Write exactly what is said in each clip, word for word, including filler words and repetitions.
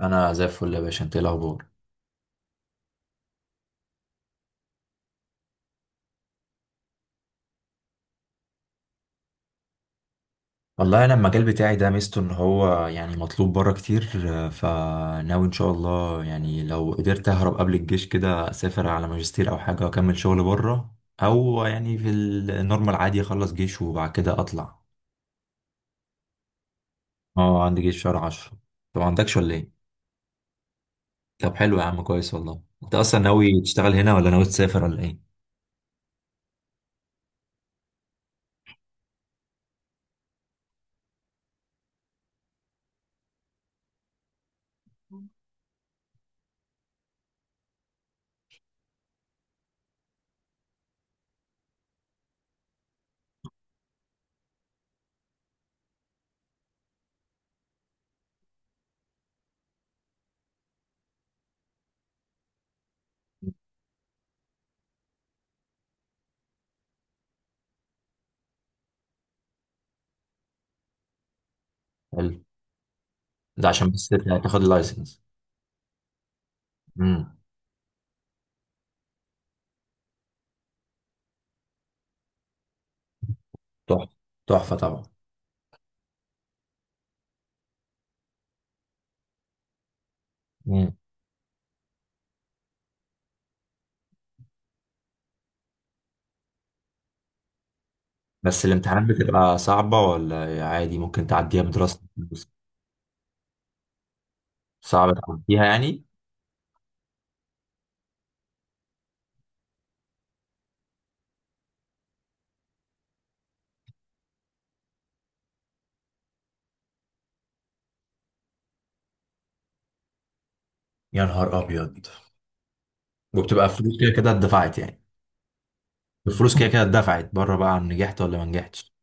انا زي الفل يا باشا، انت ايه الاخبار؟ والله انا المجال بتاعي ده ميزته ان هو يعني مطلوب بره كتير، آه، فناوي ان شاء الله، يعني لو قدرت اهرب قبل الجيش كده اسافر على ماجستير او حاجه واكمل شغل بره. او يعني في النورمال عادي اخلص جيش وبعد كده اطلع. اه، عندي جيش شهر عشرة. طب ما عندكش ولا ايه؟ طب حلو يا عم، كويس. والله انت اصلا ناوي تشتغل هنا ولا ناوي تسافر ولا ايه؟ حلو. ده عشان بس تاخد اللايسنس. امم. تحفه. تحفه طبعا. بس الامتحانات بتبقى صعبة ولا عادي ممكن تعديها بدراسة؟ صعبة تعديها يعني؟ يا نهار ابيض. وبتبقى فلوس كده كده اتدفعت يعني؟ الفلوس كده كده اتدفعت بره بقى عن نجحت ولا ما نجحتش؟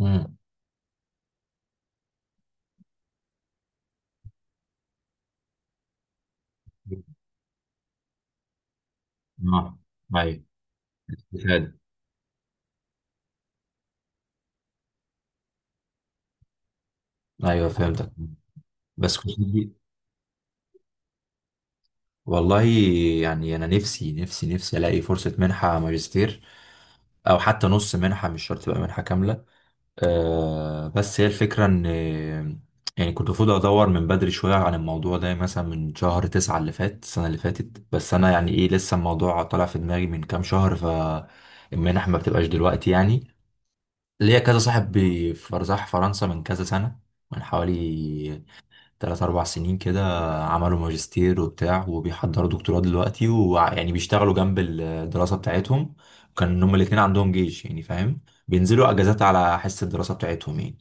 امم. اه. ايوه. شهادة. ايوه، فهمتك. بس كنت دي. والله يعني، انا نفسي نفسي نفسي الاقي فرصة منحة ماجستير، او حتى نص منحة، مش شرط تبقى منحة كاملة. آه بس هي الفكرة ان يعني كنت المفروض ادور من بدري شوية عن الموضوع ده، يعني مثلا من شهر تسعة اللي فات، السنة اللي فاتت، بس انا يعني ايه لسه الموضوع طالع في دماغي من كام شهر، فالمنح ما بتبقاش دلوقتي يعني. ليا كذا صاحب بي- ف- راح فرنسا من كذا سنة، من حوالي تلات أربع سنين كده، عملوا ماجستير وبتاع وبيحضروا دكتوراه دلوقتي، ويعني بيشتغلوا جنب الدراسة بتاعتهم. كان هما الاتنين عندهم جيش يعني فاهم، بينزلوا اجازات على حس الدراسه بتاعتهم يعني.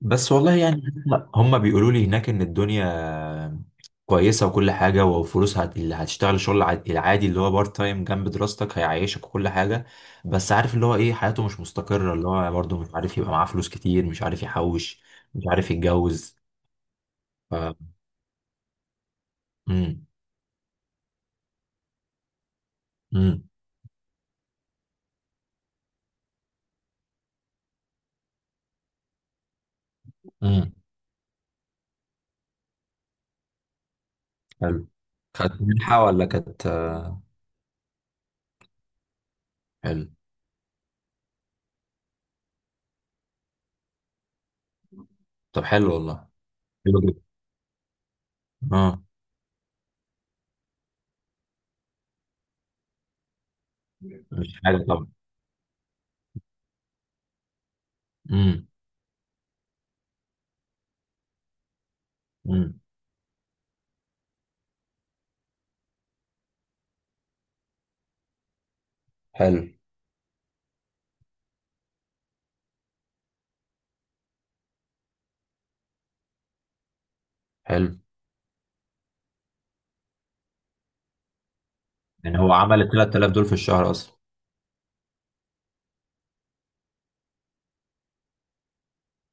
بس والله يعني لا، هم بيقولوا لي هناك ان الدنيا كويسه وكل حاجه، وفلوس هت... اللي هتشتغل شغل ع- العادي اللي هو بارت تايم جنب دراستك هيعيشك وكل حاجه. بس عارف اللي هو ايه، حياته مش مستقره، اللي هو برضه مش عارف يبقى معاه فلوس كتير، مش عارف يحوش، مش عارف يتجوز. ف امم امم امم. حلو. كانت منحه ولا كانت؟ حلو. طب حلو والله. حلو جدا. اه. مش حاجه طبعا. امم امم. حلو. حلو، يعني هو عمل ال تلاتة آلاف دول في الشهر اصلا.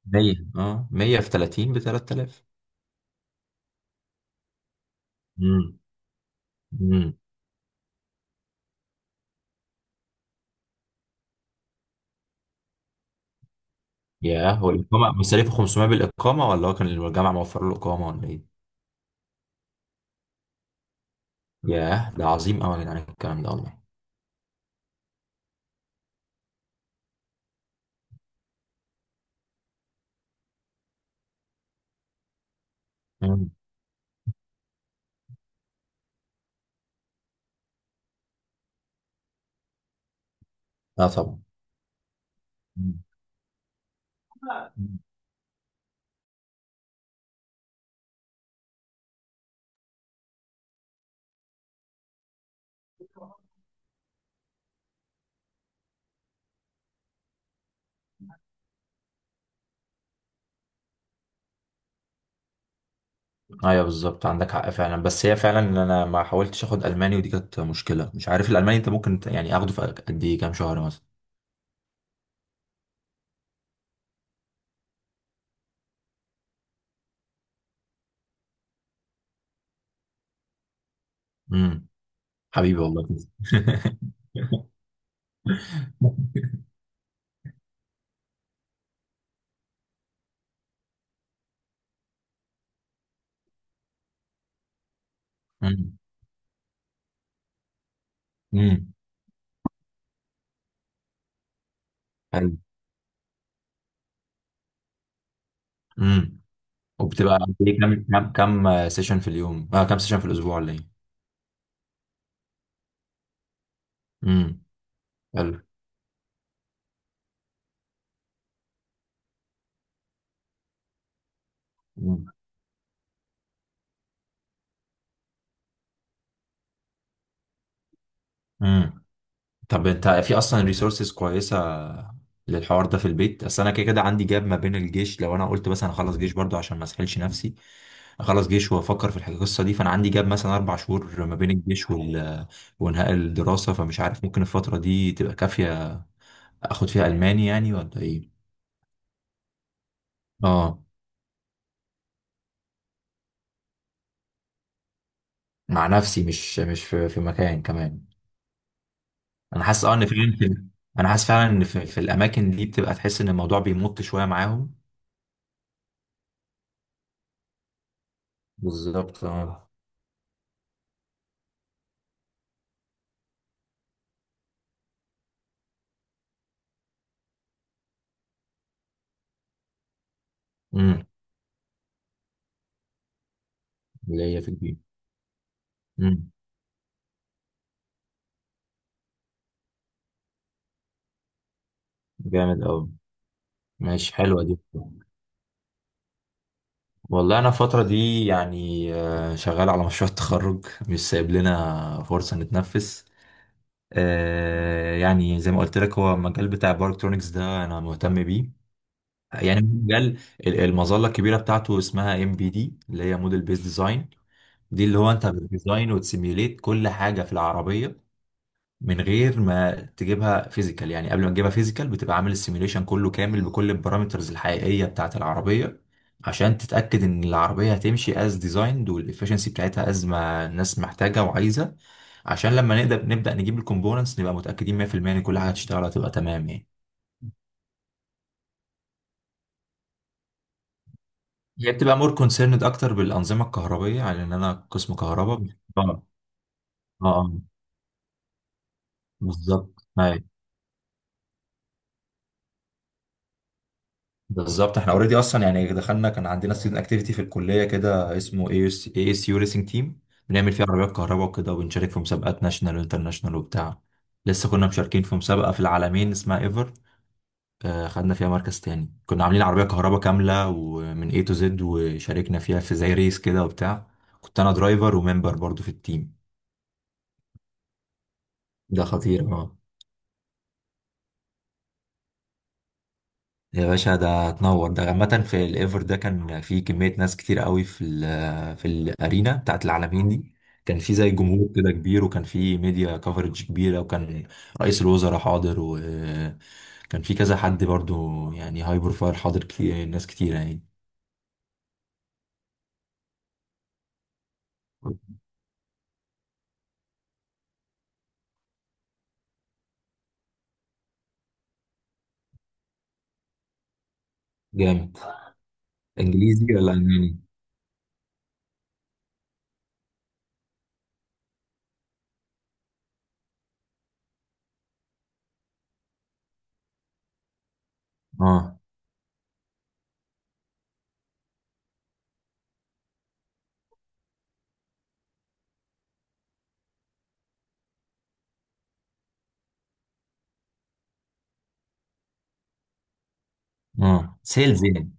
مية، اه مية في ثلاثين ب ثلاثة آلاف. امم امم. ياه، هو الاقامه مصاريفه خمسمئة بالاقامه ولا هو كان الجامعه موفر له اقامه ولا ايه؟ ياه، ده عظيم قوي يا جدعان الكلام ده والله. امم. اه طبعا. مم. مم. ايوه بالظبط، عندك حق فعلا. بس هي فعلا إن انا ما حاولتش اخد الماني، ودي كانت مشكله. مش عارف الالماني انت ممكن ت- يعني اخده في قد ايه، كام شهر مثلا؟ امم. حبيبي والله. امم امم. حلو. وبتبقى قد إيه؟ كم كم كم سيشن في اليوم، آه كم سيشن في الاسبوع ولا ايه؟ امم. حلو. مم. امم. طب انت في اصلا ريسورسز كويسه للحوار ده في البيت؟ اصل انا كده كده عندي جاب ما بين الجيش، لو انا قلت مثلا اخلص جيش برضو عشان ما اسحلش نفسي، اخلص جيش وافكر في الحاجة- القصه دي. فانا عندي جاب مثلا اربع شهور ما بين الجيش وال... وانهاء الدراسه، فمش عارف ممكن الفتره دي تبقى كافيه اخد فيها الماني يعني ولا ايه؟ اه، مع نفسي، مش مش في, في مكان كمان. انا حاسس اه ان فعلا في- انا حاسس فعلا ان في, في الاماكن دي بتبقى تحس ان الموضوع بيمط شويه معاهم. بالظبط اه. امم. اللي هي في الجيم. امم. جامد قوي. ماشي، حلوه دي. والله انا الفتره دي يعني آه، شغال على مشروع التخرج، مش سايب لنا فرصه نتنفس. آه، يعني زي ما قلت لك هو المجال بتاع الباركترونكس ده انا مهتم بيه. يعني مجال ال- المظله الكبيره بتاعته اسمها ام بي دي، اللي هي موديل بيز ديزاين. دي اللي هو انت بتديزاين وتسيميوليت كل حاجه في العربيه من غير ما تجيبها فيزيكال، يعني قبل ما تجيبها فيزيكال بتبقى عامل السيميوليشن كله كامل بكل البارامترز الحقيقيه بتاعه العربيه، عشان تتاكد ان العربيه هتمشي از ديزايند والافشنسي بتاعتها از ما الناس محتاجه وعايزه، عشان لما نقدر نبدا نجيب الكومبوننتس نبقى متاكدين مية في المية ان كل حاجه هتشتغل هتبقى تمام يعني. هي بتبقى مور كونسيرند اكتر بالانظمه الكهربائيه على ان انا قسم كهرباء. اه. اه آه، بالظبط أيوة. بالظبط، احنا اوريدي اصلا يعني دخلنا، كان عندنا ستودنت اكتيفيتي في الكليه كده اسمه اي اس اي اس يو ريسنج تيم، بنعمل فيه عربيات كهرباء وكده، وبنشارك في مسابقات ناشونال وانترناشونال وبتاع. لسه كنا مشاركين في مسابقه في العالمين اسمها ايفر، آه، خدنا فيها مركز تاني، كنا عاملين عربيه كهرباء كامله ومن اي تو زد، وشاركنا فيها في زي ريس كده وبتاع. كنت انا درايفر وممبر برضو في التيم. ده خطير اه. يا باشا، ده هتنور. ده عامة في الايفر ده كان في كمية ناس كتير قوي في ال في الارينا بتاعت العالمين دي، كان في زي جمهور كده كبير، وكان في ميديا كفرج كبيرة، وكان رئيس الوزراء حاضر، وكان في كذا حد برضو يعني هاي بروفايل حاضر، كتير، ناس كتير يعني. جامد. انجليزي ولا الماني؟ اه. اه سيلز يعني.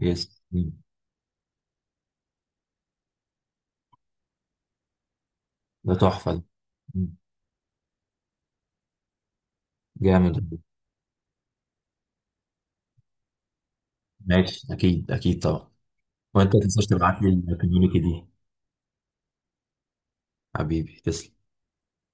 يس. مم. ده تحفة ده. مم. جامد. ماشي، اكيد اكيد طبعا. وانت ما تنساش تبعت لي الكوميونتي دي. حبيبي تسلم.